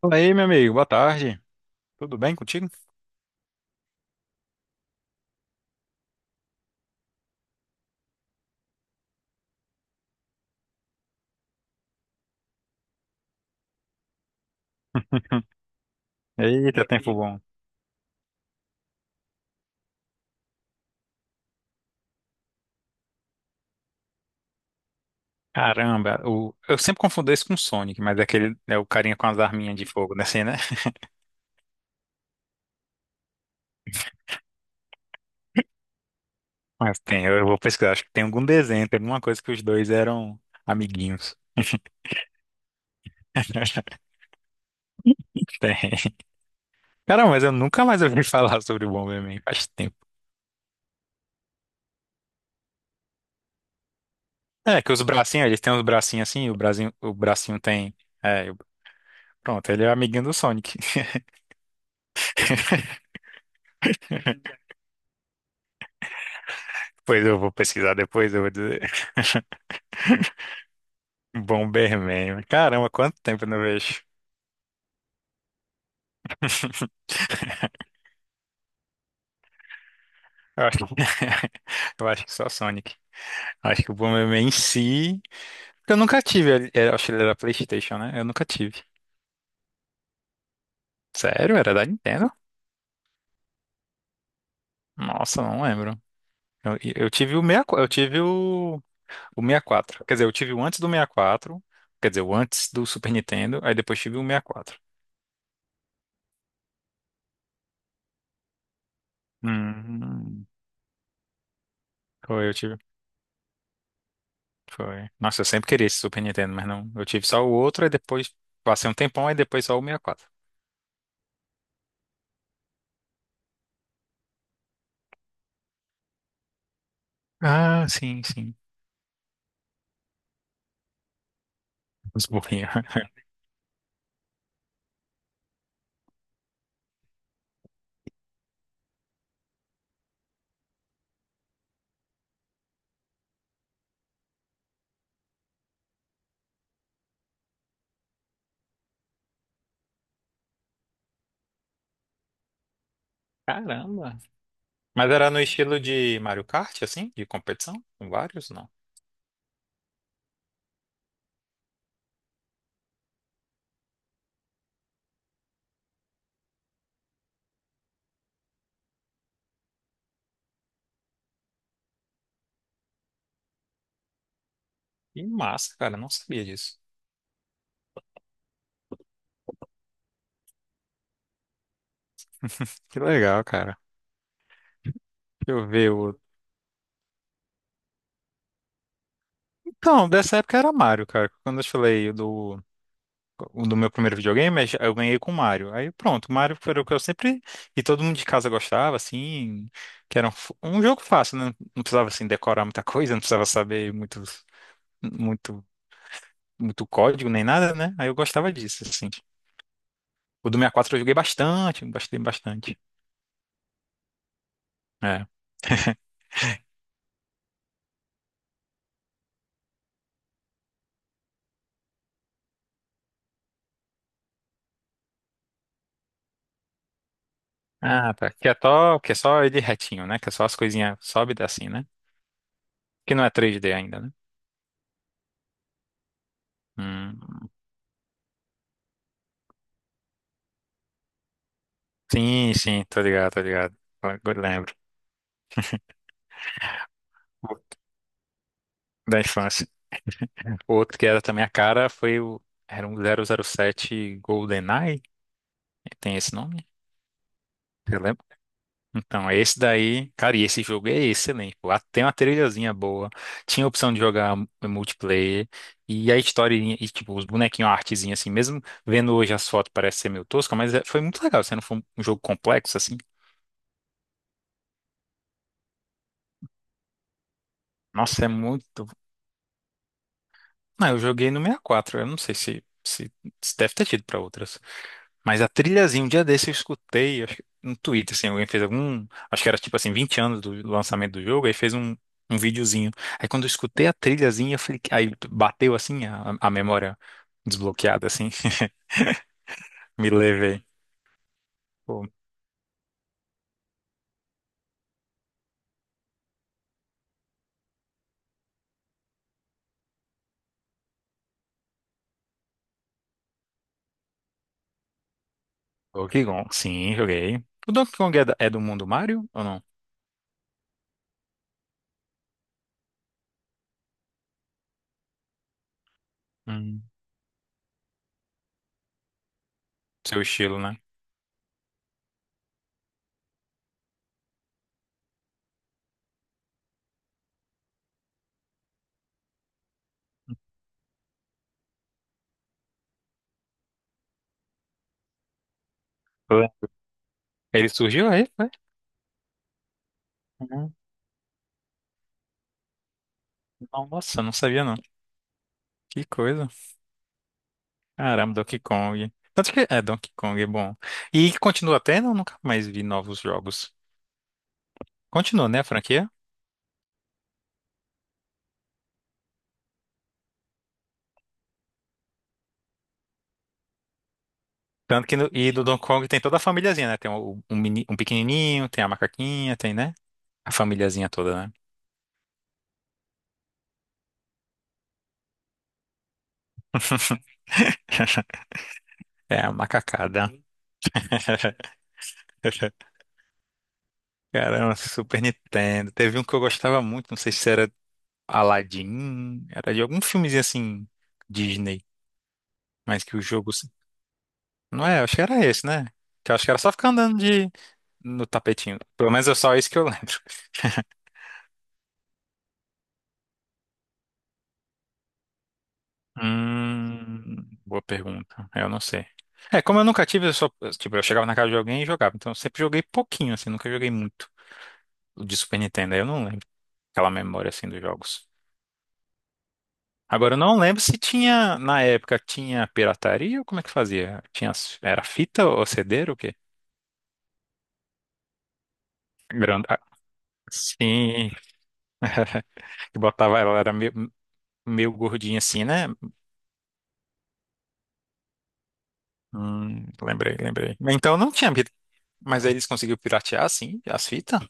Fala aí, meu amigo, boa tarde. Tudo bem contigo? Eita, e tempo bom. Caramba, eu sempre confundo esse com o Sonic, mas é aquele, é o carinha com as arminhas de fogo, né? Assim, né? Mas tem, eu vou pesquisar, acho que tem algum desenho, tem alguma coisa que os dois eram amiguinhos. Tem. Cara, mas eu nunca mais ouvi falar sobre o Bomberman, faz tempo. É, que os bracinhos, eles têm os bracinhos assim, o bracinho tem. É, pronto, ele é amiguinho do Sonic. Pois eu vou pesquisar depois, eu vou dizer. Bomberman. Caramba, quanto tempo eu não vejo. Eu acho que, eu acho que só Sonic. Acho que o Bomberman em si. Porque eu nunca tive. Eu acho que ele era PlayStation, né? Eu nunca tive. Sério? Era da Nintendo? Nossa, não lembro. Eu tive o 64, eu tive o 64. Quer dizer, eu tive o antes do 64. Quer dizer, o antes do Super Nintendo. Aí depois tive o 64. Hum, Foi, eu tive. Foi. Nossa, eu sempre queria esse Super Nintendo, mas não. Eu tive só o outro, aí depois. Passei um tempão, aí depois só o 64. Ah, sim, sim. Os burrinhos. Caramba. Mas era no estilo de Mario Kart, assim? De competição? Com vários? Não. Que massa, cara. Não sabia disso. Que legal, cara. Deixa eu ver o... Então, dessa época era Mario, cara. Quando eu te falei do... O do meu primeiro videogame, eu ganhei com Mario. Aí pronto, Mario foi o que eu sempre... E todo mundo de casa gostava, assim... Que era um jogo fácil, né? Não precisava, assim, decorar muita coisa. Não precisava saber Muito... Muito código, nem nada, né? Aí eu gostava disso, assim. O do 64 eu joguei bastante, bastante, bastante. É. Ah, tá. Que é só ele retinho, né? Que é só as coisinhas sobe e desce assim, né? Que não é três d ainda, né? Hum. Sim, sim, tô ligado, tô ligado. Agora eu lembro. Da infância. O outro que era também a cara foi o. Era um 007 GoldenEye? Tem esse nome? Você lembra? Então, esse daí, cara, e esse jogo é excelente. Pô. Lá tem uma trilhazinha boa, tinha a opção de jogar multiplayer, e a historinha, e tipo, os bonequinhos, a artezinha assim, mesmo vendo hoje as fotos parece ser meio tosca, mas foi muito legal, se não for um jogo complexo assim. Nossa, é muito. Não, eu joguei no 64, eu não sei se deve ter tido pra outras. Mas a trilhazinha, um dia desse eu escutei, acho que no Twitter, assim, alguém fez algum, acho que era tipo assim, 20 anos do lançamento do jogo, aí fez um videozinho. Aí quando eu escutei a trilhazinha, eu falei, aí bateu assim a memória desbloqueada, assim, me levei. Pô, Donkey Kong, sim, joguei. O Donkey Kong é, é do mundo Mario ou não? Hum, Seu estilo, né? Foi. Ele surgiu aí, foi? Uhum. Nossa, não sabia não. Que coisa. Caramba, Donkey Kong. Tanto que é Donkey Kong, é bom. E continua tendo, eu nunca mais vi novos jogos. Continua, né, a franquia? Tanto que no, e do Donkey Kong tem toda a famíliazinha, né? Tem um, um pequenininho, tem a macaquinha, tem, né? A famíliazinha toda, né? É a macacada. Caramba, Super Nintendo. Teve um que eu gostava muito, não sei se era Aladdin, era de algum filmezinho assim, Disney, mas que o jogo. Não é, acho que era esse, né? Que eu acho que era só ficar andando de no tapetinho. Pelo menos é só isso que eu lembro. Boa pergunta. Eu não sei. É, como eu nunca tive, eu só, tipo, eu chegava na casa de alguém e jogava. Então eu sempre joguei pouquinho, assim, nunca joguei muito o de Super Nintendo. Aí eu não lembro aquela memória, assim, dos jogos. Agora, eu não lembro se tinha, na época, tinha pirataria ou como é que fazia? Tinha, era fita ou CD ou o quê? Grande. Ah, sim. Que botava ela, era meio gordinha assim, né? Lembrei, lembrei. Então não tinha. Mas aí eles conseguiram piratear, sim, as fitas?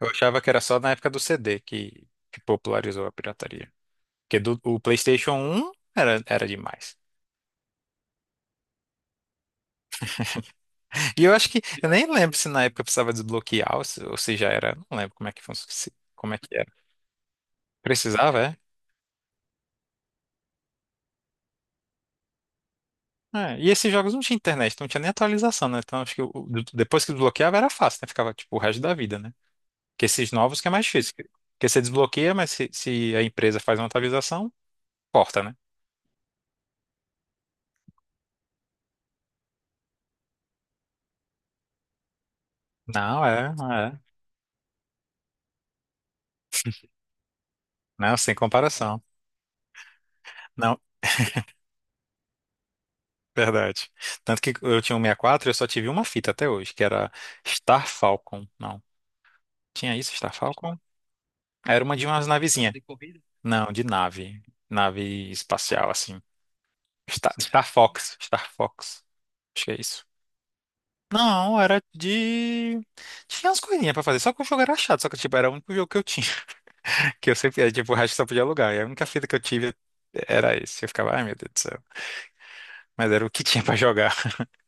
Eu achava que era só na época do CD que popularizou a pirataria. Porque o PlayStation 1 era demais. E eu acho que, eu nem lembro se na época precisava desbloquear ou se já era. Não lembro como é que, como é que era. Precisava, é? É, e esses jogos não tinha internet, não tinha nem atualização, né? Então acho que depois que desbloqueava era fácil, né? Ficava tipo o resto da vida, né? Porque esses novos que é mais difícil. Porque você desbloqueia, mas se a empresa faz uma atualização, corta, né? Não, é, é. Não, sem comparação. Não, verdade. Tanto que eu tinha um 64 e quatro e eu só tive uma fita até hoje, que era Star Falcon. Não, tinha isso, Star Falcon? Era uma de umas navezinhas. Não, de nave. Nave espacial, assim. Star Fox. Star Fox. Acho que é isso. Não, era de. Tinha umas coisinhas pra fazer, só que o jogo era chato, só que tipo, era o único jogo que eu tinha, que eu sempre, era, tipo, o resto eu só podia alugar, e a única fita que eu tive era esse, eu ficava, ai meu Deus do céu, mas era o que tinha pra jogar.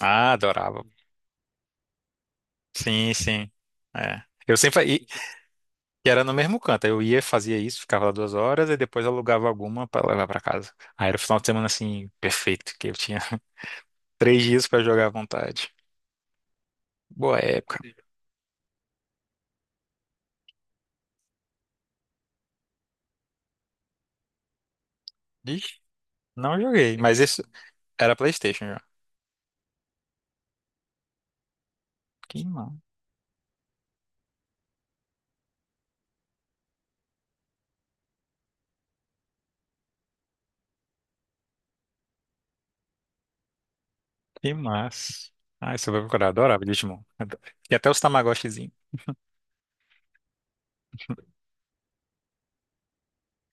Ah, adorava. Sim, sim. É. Eu sempre e era no mesmo canto. Eu ia, fazia isso, ficava lá 2 horas e depois alugava alguma para levar para casa. Aí era o final de semana assim, perfeito, que eu tinha 3 dias para jogar à vontade. Boa época. Ixi, não joguei, mas isso era PlayStation já. Que massa. Que massa. Ah, você vai procurar, adorava Digimon. E até os Tamagotchizinho.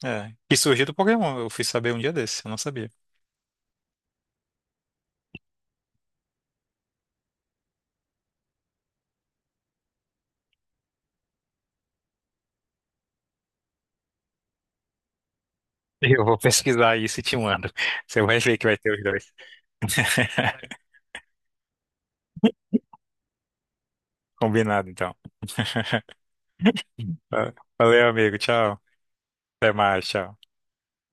É. Que surgiu do Pokémon, eu fui saber um dia desse, eu não sabia. Eu vou pesquisar isso e te mando. Você vai ver que vai ter os dois. Combinado, então. Ah, valeu, amigo. Tchau. Até mais. Tchau.